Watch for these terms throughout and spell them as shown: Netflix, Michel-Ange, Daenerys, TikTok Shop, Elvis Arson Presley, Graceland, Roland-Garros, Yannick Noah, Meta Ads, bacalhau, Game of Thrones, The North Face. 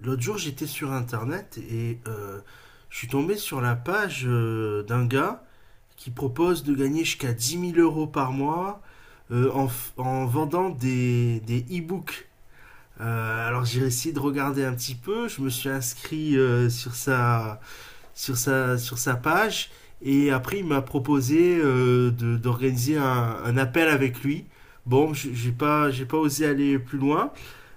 L'autre jour, j'étais sur internet et je suis tombé sur la page d'un gars qui propose de gagner jusqu'à dix mille euros par mois en, en vendant des e-books. Alors j'ai essayé de regarder un petit peu, je me suis inscrit sur sa page et après il m'a proposé d'organiser un appel avec lui. Bon, j'ai pas osé aller plus loin.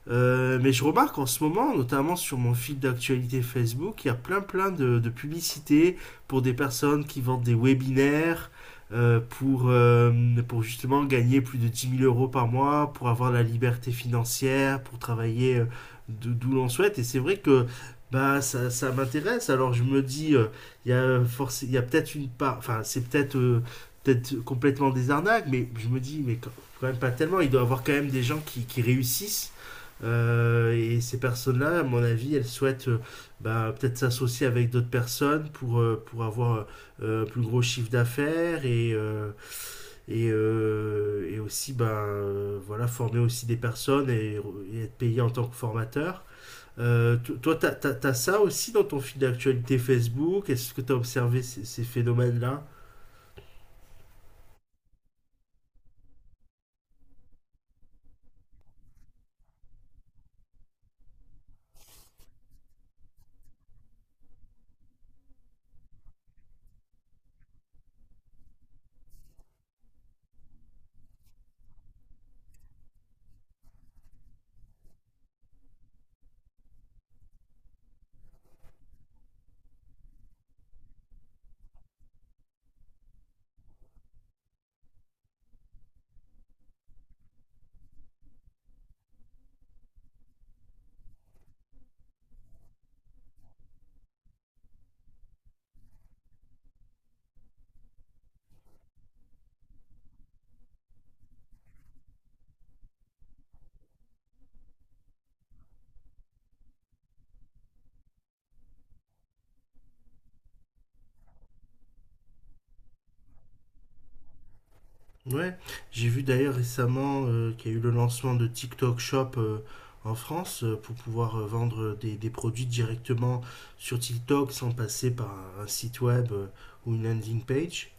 Mais je remarque en ce moment, notamment sur mon fil d'actualité Facebook, il y a plein plein de publicités pour des personnes qui vendent des webinaires euh, pour, euh, pour justement gagner plus de 10 000 euros par mois, pour avoir la liberté financière, pour travailler d'où l'on souhaite. Et c'est vrai que bah, ça m'intéresse. Alors je me dis, il y a peut-être une part, enfin c'est peut-être complètement des arnaques, mais je me dis, mais quand même pas tellement, il doit y avoir quand même des gens qui réussissent et ces personnes-là, à mon avis, elles souhaitent bah, peut-être s'associer avec d'autres personnes pour avoir un plus gros chiffre d'affaires et aussi voilà, former aussi des personnes et être payé en tant que formateur. To- toi, tu as, ça aussi dans ton fil d'actualité Facebook? Est-ce que tu as observé ces phénomènes-là? Ouais, j'ai vu d'ailleurs récemment qu'il y a eu le lancement de TikTok Shop en France pour pouvoir vendre des produits directement sur TikTok sans passer par un site web ou une landing page.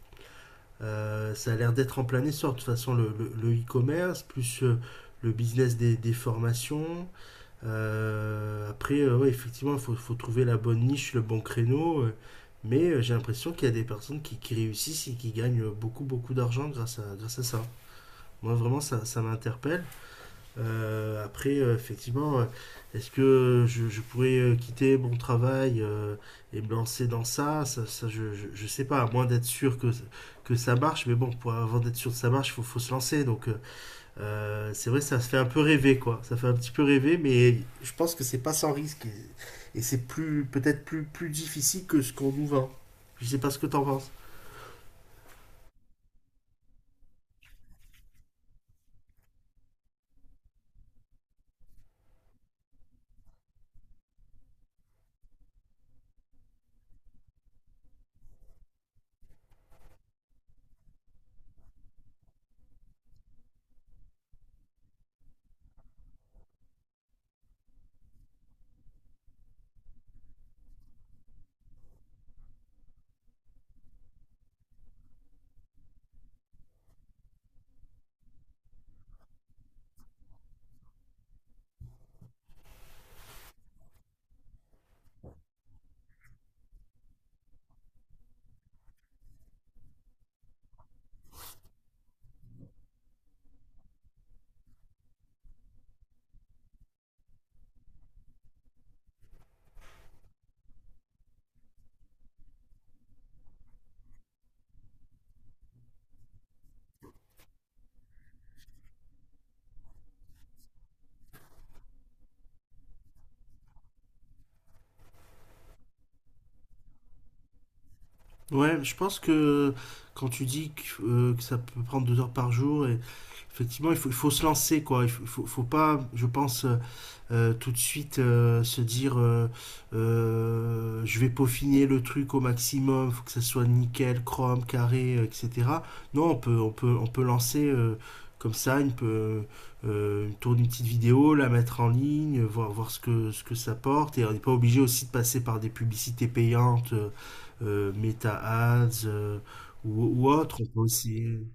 Ça a l'air d'être en plein essor. De toute façon, le e-commerce, plus le business des formations. Ouais, effectivement, faut trouver la bonne niche, le bon créneau. J'ai l'impression qu'il y a des personnes qui réussissent et qui gagnent beaucoup, beaucoup d'argent grâce à ça. Moi, vraiment, ça m'interpelle. Euh, après, euh, effectivement, euh, Est-ce que je pourrais quitter mon travail et me lancer dans ça? Je sais pas, à moins d'être sûr que ça marche. Mais bon, avant d'être sûr que ça marche, faut se lancer. C'est vrai, ça se fait un peu rêver, quoi. Ça fait un petit peu rêver, mais je pense que c'est pas sans risque. Et c'est plus peut-être plus difficile que ce qu'on nous vend. Je sais pas ce que t'en penses. Ouais, je pense que quand tu dis que ça peut prendre deux heures par jour, et effectivement, il faut se lancer, quoi. Faut pas, je pense, tout de suite se dire je vais peaufiner le truc au maximum, faut que ça soit nickel, chrome, carré, etc. Non, on peut lancer comme ça, tourner une petite vidéo, la mettre en ligne, voir ce que ça porte. Et on n'est pas obligé aussi de passer par des publicités payantes, Meta Ads ou autre. On peut aussi.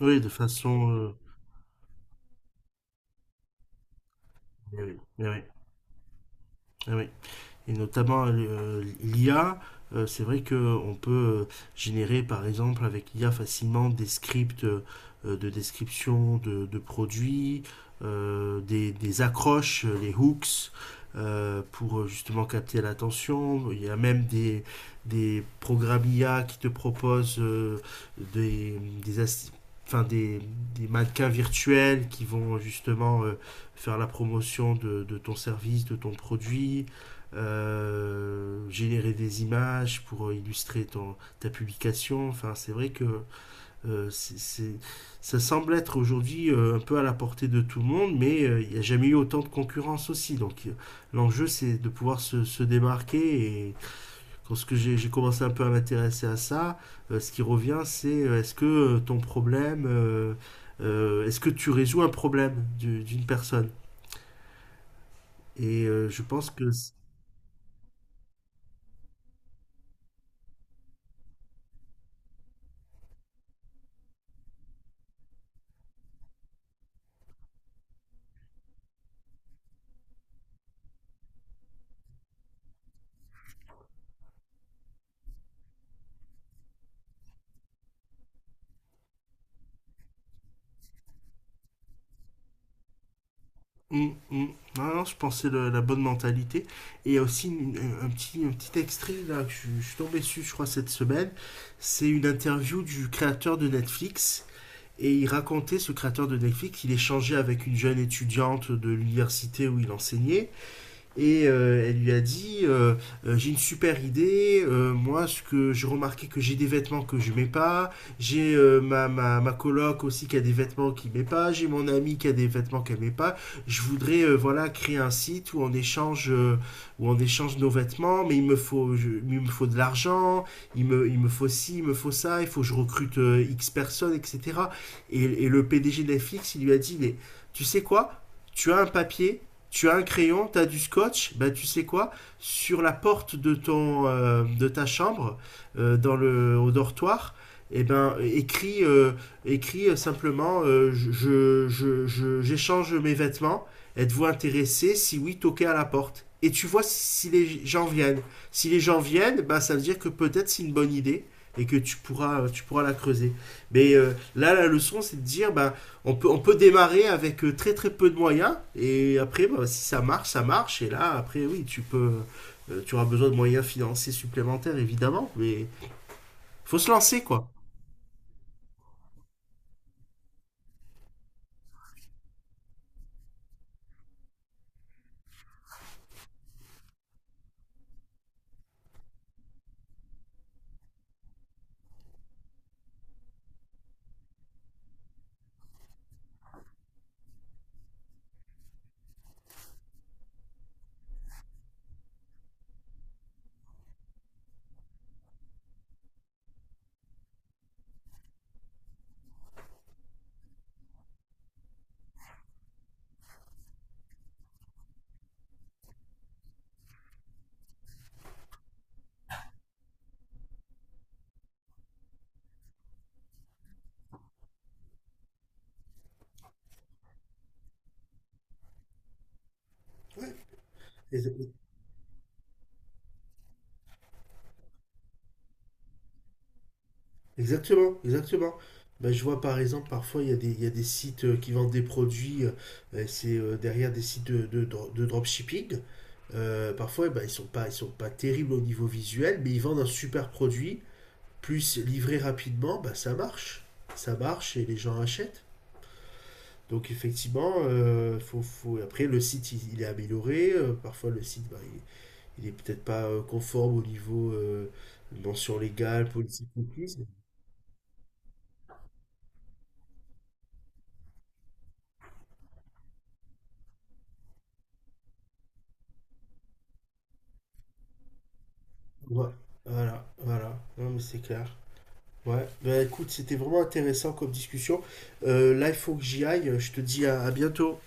Oui, de façon. Eh oui, eh oui, eh oui. Et notamment l'IA, c'est vrai qu'on peut générer par exemple avec l'IA facilement des scripts de description de produits, des accroches, les hooks, pour justement capter l'attention. Il y a même des programmes IA qui te proposent des, des, assi- enfin, des mannequins virtuels qui vont justement faire la promotion de ton service, de ton produit générer des images pour illustrer ton, ta publication. Enfin, c'est vrai que euh, c'est- c'est- ça semble être aujourd'hui un peu à la portée de tout le monde, mais il n'y a jamais eu autant de concurrence aussi. L'enjeu, c'est de pouvoir se démarquer. Et lorsque j'ai commencé un peu à m'intéresser à ça, ce qui revient, c'est est-ce que est-ce que tu résous un problème d'une personne? Je pense que... Mm, mm. Non, non, je pensais la bonne mentalité. Et il y a aussi un petit extrait là, que je suis tombé dessus, je crois, cette semaine. C'est une interview du créateur de Netflix. Et il racontait, ce créateur de Netflix, qu'il échangeait avec une jeune étudiante de l'université où il enseignait et elle lui a dit j'ai une super idée. Moi, ce que j'ai remarqué, que j'ai des vêtements que je mets pas, j'ai ma coloc aussi qui a des vêtements qu'il met pas, j'ai mon ami qui a des vêtements qu'elle met pas. Je voudrais voilà, créer un site où on échange nos vêtements, mais il me faut... il me faut de l'argent, il me faut ci, il me faut ça, il faut que je recrute x personnes, etc. Et, le PDG de Netflix, il lui a dit, mais tu sais quoi, tu as un papier, tu as un crayon, tu as du scotch, ben tu sais quoi, sur la porte de ton de ta chambre, dans le, au dortoir, eh ben écris simplement j'échange mes vêtements. Êtes-vous intéressé? Si oui, toquez à la porte. Et tu vois si les gens viennent. Si les gens viennent, ben ça veut dire que peut-être c'est une bonne idée et que tu pourras la creuser. Mais là, la leçon, c'est de dire, ben on peut démarrer avec très très peu de moyens, et après bah, si ça marche, ça marche, et là après oui, tu peux... tu auras besoin de moyens financiers supplémentaires, évidemment, mais faut se lancer quoi. Ouais. Ex- Exactement, exactement. Bah, je vois par exemple, parfois il y a il y a des sites qui vendent des produits et c'est derrière des sites de dropshipping. Parfois eh ben, ils sont pas terribles au niveau visuel, mais ils vendent un super produit, plus livré rapidement, bah ça marche et les gens achètent. Donc effectivement, faut... après le site il est amélioré, parfois le site bah, il est peut-être pas conforme au niveau mention légale, politique cookies. Ouais, voilà, voilà, non mais c'est clair. Ouais, bah écoute, c'était vraiment intéressant comme discussion. Là il faut que j'y aille, je te dis à bientôt.